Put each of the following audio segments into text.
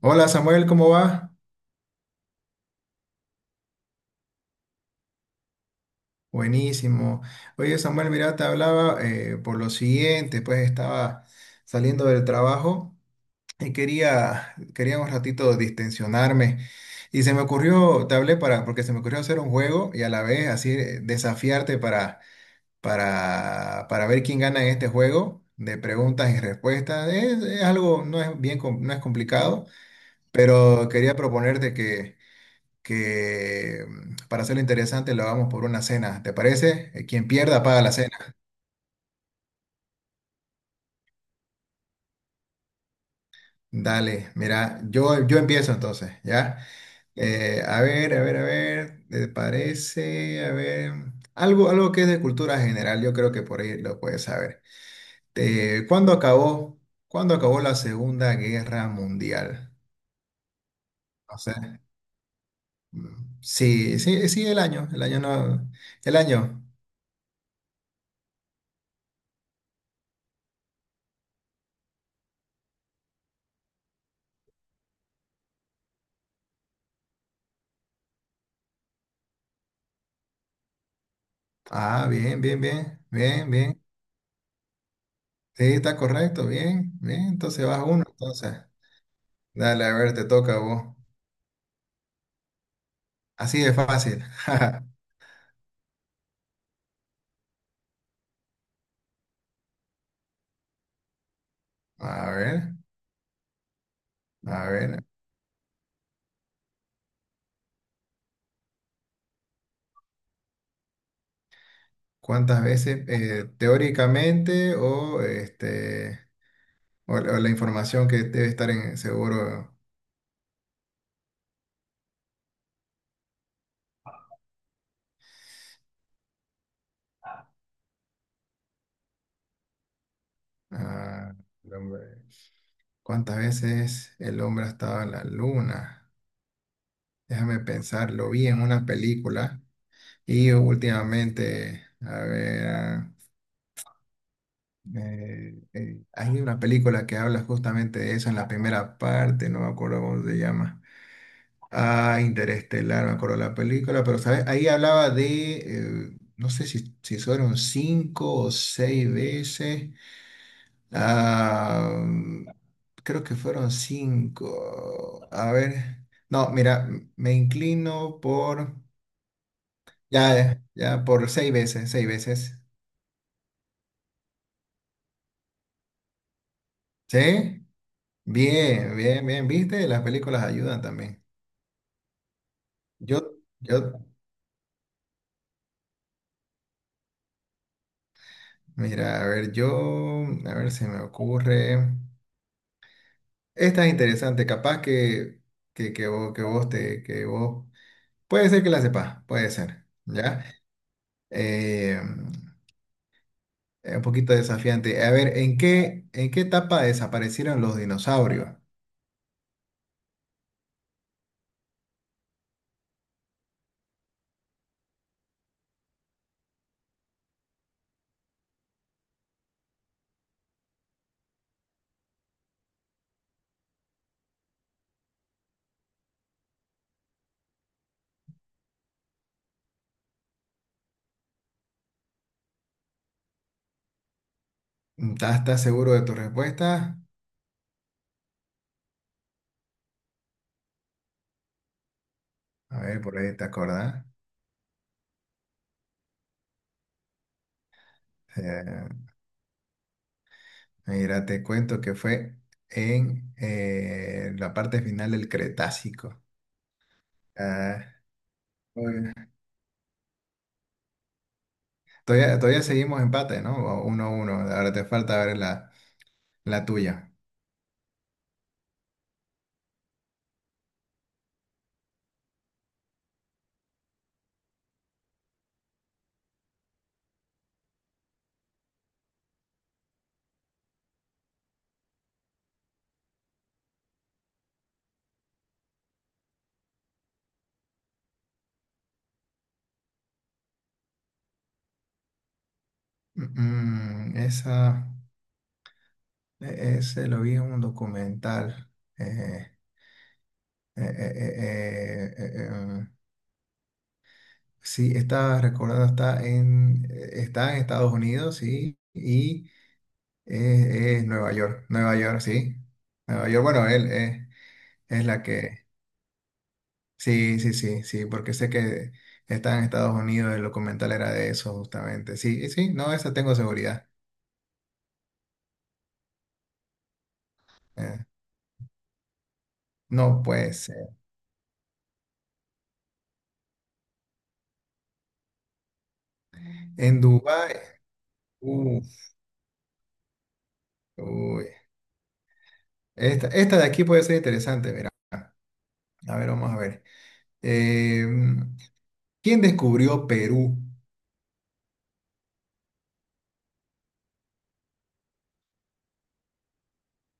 Hola Samuel, ¿cómo va? Buenísimo. Oye Samuel, mira, te hablaba por lo siguiente, pues estaba saliendo del trabajo y quería un ratito distensionarme. Y se me ocurrió, te hablé para, porque se me ocurrió hacer un juego y a la vez así desafiarte para ver quién gana en este juego de preguntas y respuestas. Es algo, no es bien, no es complicado, pero quería proponerte que para hacerlo interesante lo hagamos por una cena, ¿te parece? Quien pierda paga la cena. Dale, mira, yo empiezo entonces, ¿ya? A ver, ¿te parece? A ver, algo que es de cultura general, yo creo que por ahí lo puedes saber. Eh, ¿cuándo acabó, cuándo acabó la Segunda Guerra Mundial? No sé. Sí, sí, sí, el año no, el año. Ah, bien, bien, bien, bien, bien. Sí, está correcto, bien, bien, entonces vas uno, entonces. Dale, a ver, te toca a vos. Así de fácil. A ver, a ver, ¿cuántas veces teóricamente o este o la información que debe estar en seguro, ah, el hombre, ¿cuántas veces el hombre ha estado en la luna? Déjame pensar, lo vi en una película y últimamente, a ver. Hay una película que habla justamente de eso en la primera parte, no me acuerdo cómo se llama. Ah, Interestelar, me acuerdo la película, pero ¿sabes? Ahí hablaba de, no sé si, fueron 5 o 6 veces. Ah, mm, Creo que fueron cinco. A ver, no, mira, me inclino por, ya, ya, por 6 veces, 6 veces. ¿Sí? Bien, bien, bien, ¿viste? Las películas ayudan también. Yo, yo, mira, a ver, yo, a ver, se me ocurre. Esta es interesante, capaz que, que vos, que vos te, que vos, puede ser que la sepas, puede ser, ¿ya? Eh, es un poquito desafiante. A ver, ¿en qué etapa desaparecieron los dinosaurios? ¿Estás seguro de tu respuesta? A ver, por ahí te acordás. Eh, Mira, te cuento que fue en la parte final del Cretácico. Ah, todavía seguimos empate, ¿no? O uno a uno. Ahora te falta ver la tuya. Mm, mm, esa, Ese lo vi en un documental. Eh, eh, eh, eh, eh, eh, eh, em, sí, estaba recordando, está en Estados Unidos, sí, y es, es Nueva York. Nueva York, sí. Nueva York, bueno, él es la que sí, sí, sí, sí, porque sé que está en Estados Unidos, el documental era de eso justamente. Sí, y sí, no, esa tengo seguridad. Eh, no puede ser. En Dubái, uff, uy. Esta de aquí puede ser interesante, mira. A ver, vamos a ver. Eh, ¿Quién descubrió Perú?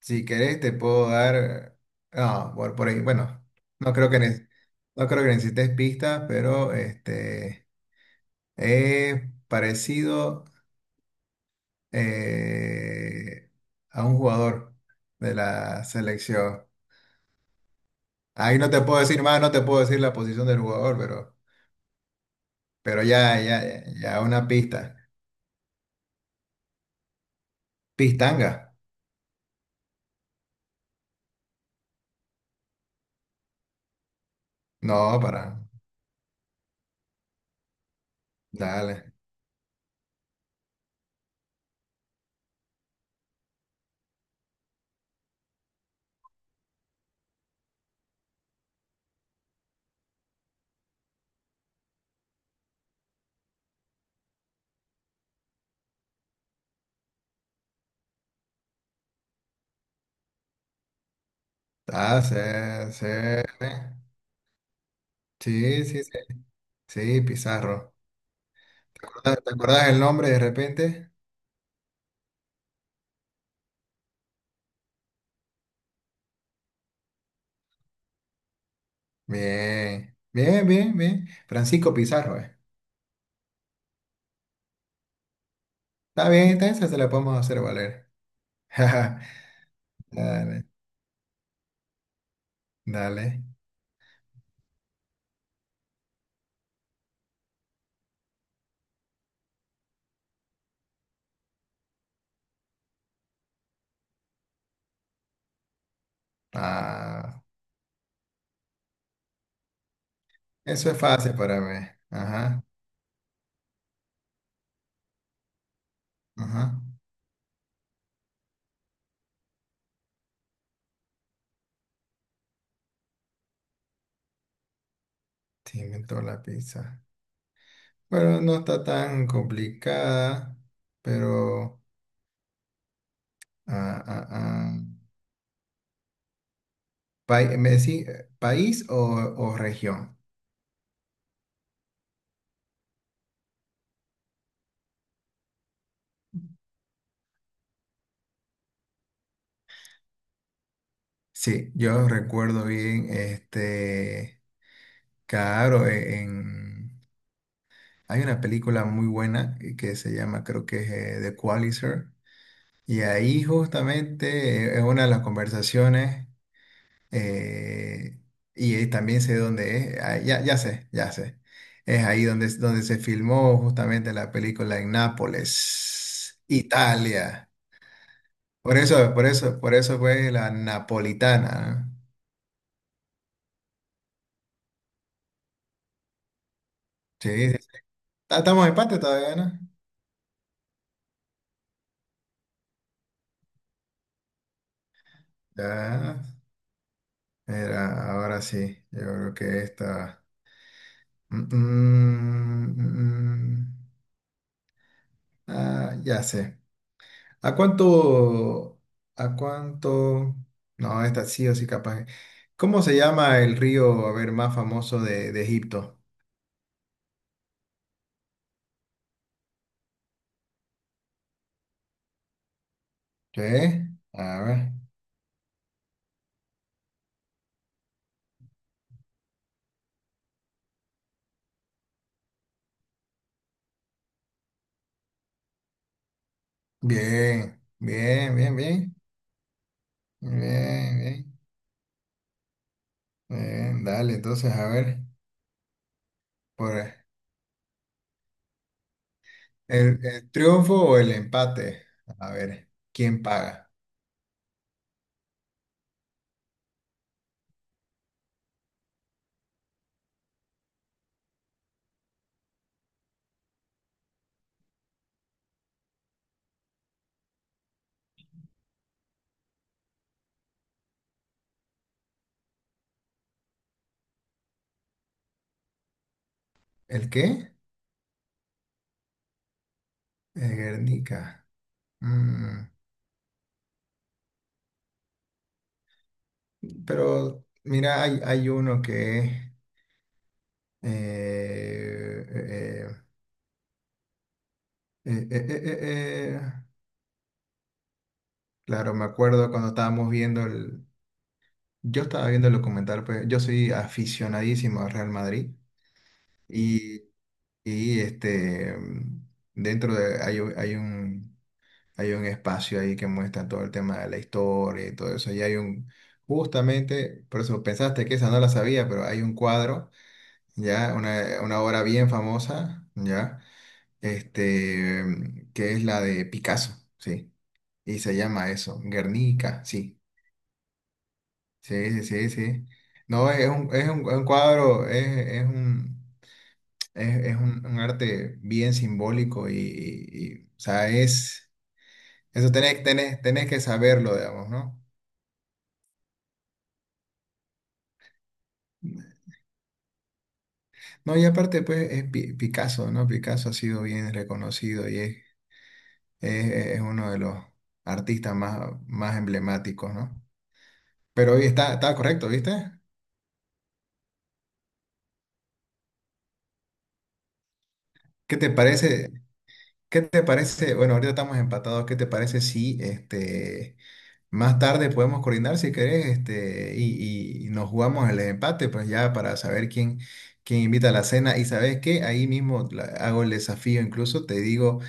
Si querés, te puedo dar. Ah, por ahí. Bueno, no creo que, no creo que necesites pistas, pero este, es parecido eh, a un jugador de la selección. Ahí no te puedo decir más, no te puedo decir la posición del jugador, pero ya, ya, ya una pista. Pistanga. No, para. Dale. Ah, sí, sí, sí, sí, sí, sí, Pizarro. ¿Te acuerdas el nombre de repente? Bien, bien, bien, bien. Francisco Pizarro. Está bien, esta esa se la podemos hacer valer. Dale, dale. Ah. Eso es fácil para mí. Ajá, ajá. Sí, inventó la pizza. Bueno, no está tan complicada, pero... ah, ah, ah. ¿Me decís país o región? Sí, yo recuerdo bien, este, claro, en, hay una película muy buena que se llama, creo que es The Qualizer, y ahí justamente es una de las conversaciones. Eh, y también sé dónde es. Ah, ya, ya sé, ya sé. Es ahí donde, es donde se filmó justamente la película en Nápoles, Italia. Por eso, por eso, por eso fue la napolitana, ¿no? Sí, sí. Ah, estamos en empate todavía, ¿no? Ya. Era, ahora sí. Yo creo que esta. Mm, mm, mm, mm. mm. Ah, ya sé. ¿A cuánto? ¿A cuánto? No, esta sí o sí capaz. ¿Cómo se llama el río, a ver, más famoso de Egipto? ¿Sí? A ver. Bien, bien, bien, bien. Bien, bien. Bien, dale, entonces, a ver. Por el triunfo o el empate. A ver, ¿quién paga? ¿El qué? El Guernica. Mm, Pero, mira, hay uno que... eh, eh, eh, Eh, eh, eh, eh, eh. Claro, me acuerdo cuando estábamos viendo el... Yo estaba viendo el documental, pues yo soy aficionadísimo al Real Madrid y, y este, dentro de... Hay un espacio ahí que muestra todo el tema de la historia y todo eso. Justamente, por eso pensaste que esa no la sabía, pero hay un cuadro, ya, una obra bien famosa, ya, este, que es la de Picasso, ¿sí? Y se llama eso, Guernica, sí, sí, sí, sí, sí. No, es un cuadro, un arte bien simbólico y, o sea, eso tenés que saberlo, digamos, ¿no? No, y aparte, pues, es Picasso, ¿no? Picasso ha sido bien reconocido y es, es uno de los artistas más emblemáticos, ¿no? Pero hoy está correcto, ¿viste? ¿Qué te parece? ¿Qué te parece? Bueno, ahorita estamos empatados. ¿Qué te parece si este, más tarde podemos coordinar si querés este, y nos jugamos el empate? Pues ya para saber quién invita a la cena. Y sabes qué, ahí mismo hago el desafío, incluso te digo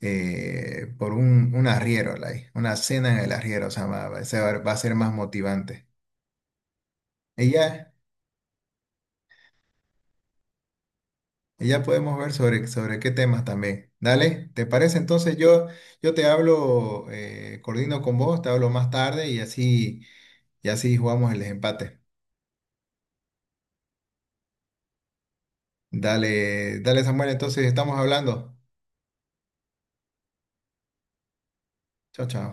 por un arriero, like, una cena en el arriero, o sea, va a ser más motivante. Y ya. Y ya podemos ver sobre qué temas también. Dale, ¿te parece? Entonces yo te hablo, coordino con vos, te hablo más tarde y así jugamos el desempate. Dale, dale Samuel, entonces estamos hablando. Chao, chao.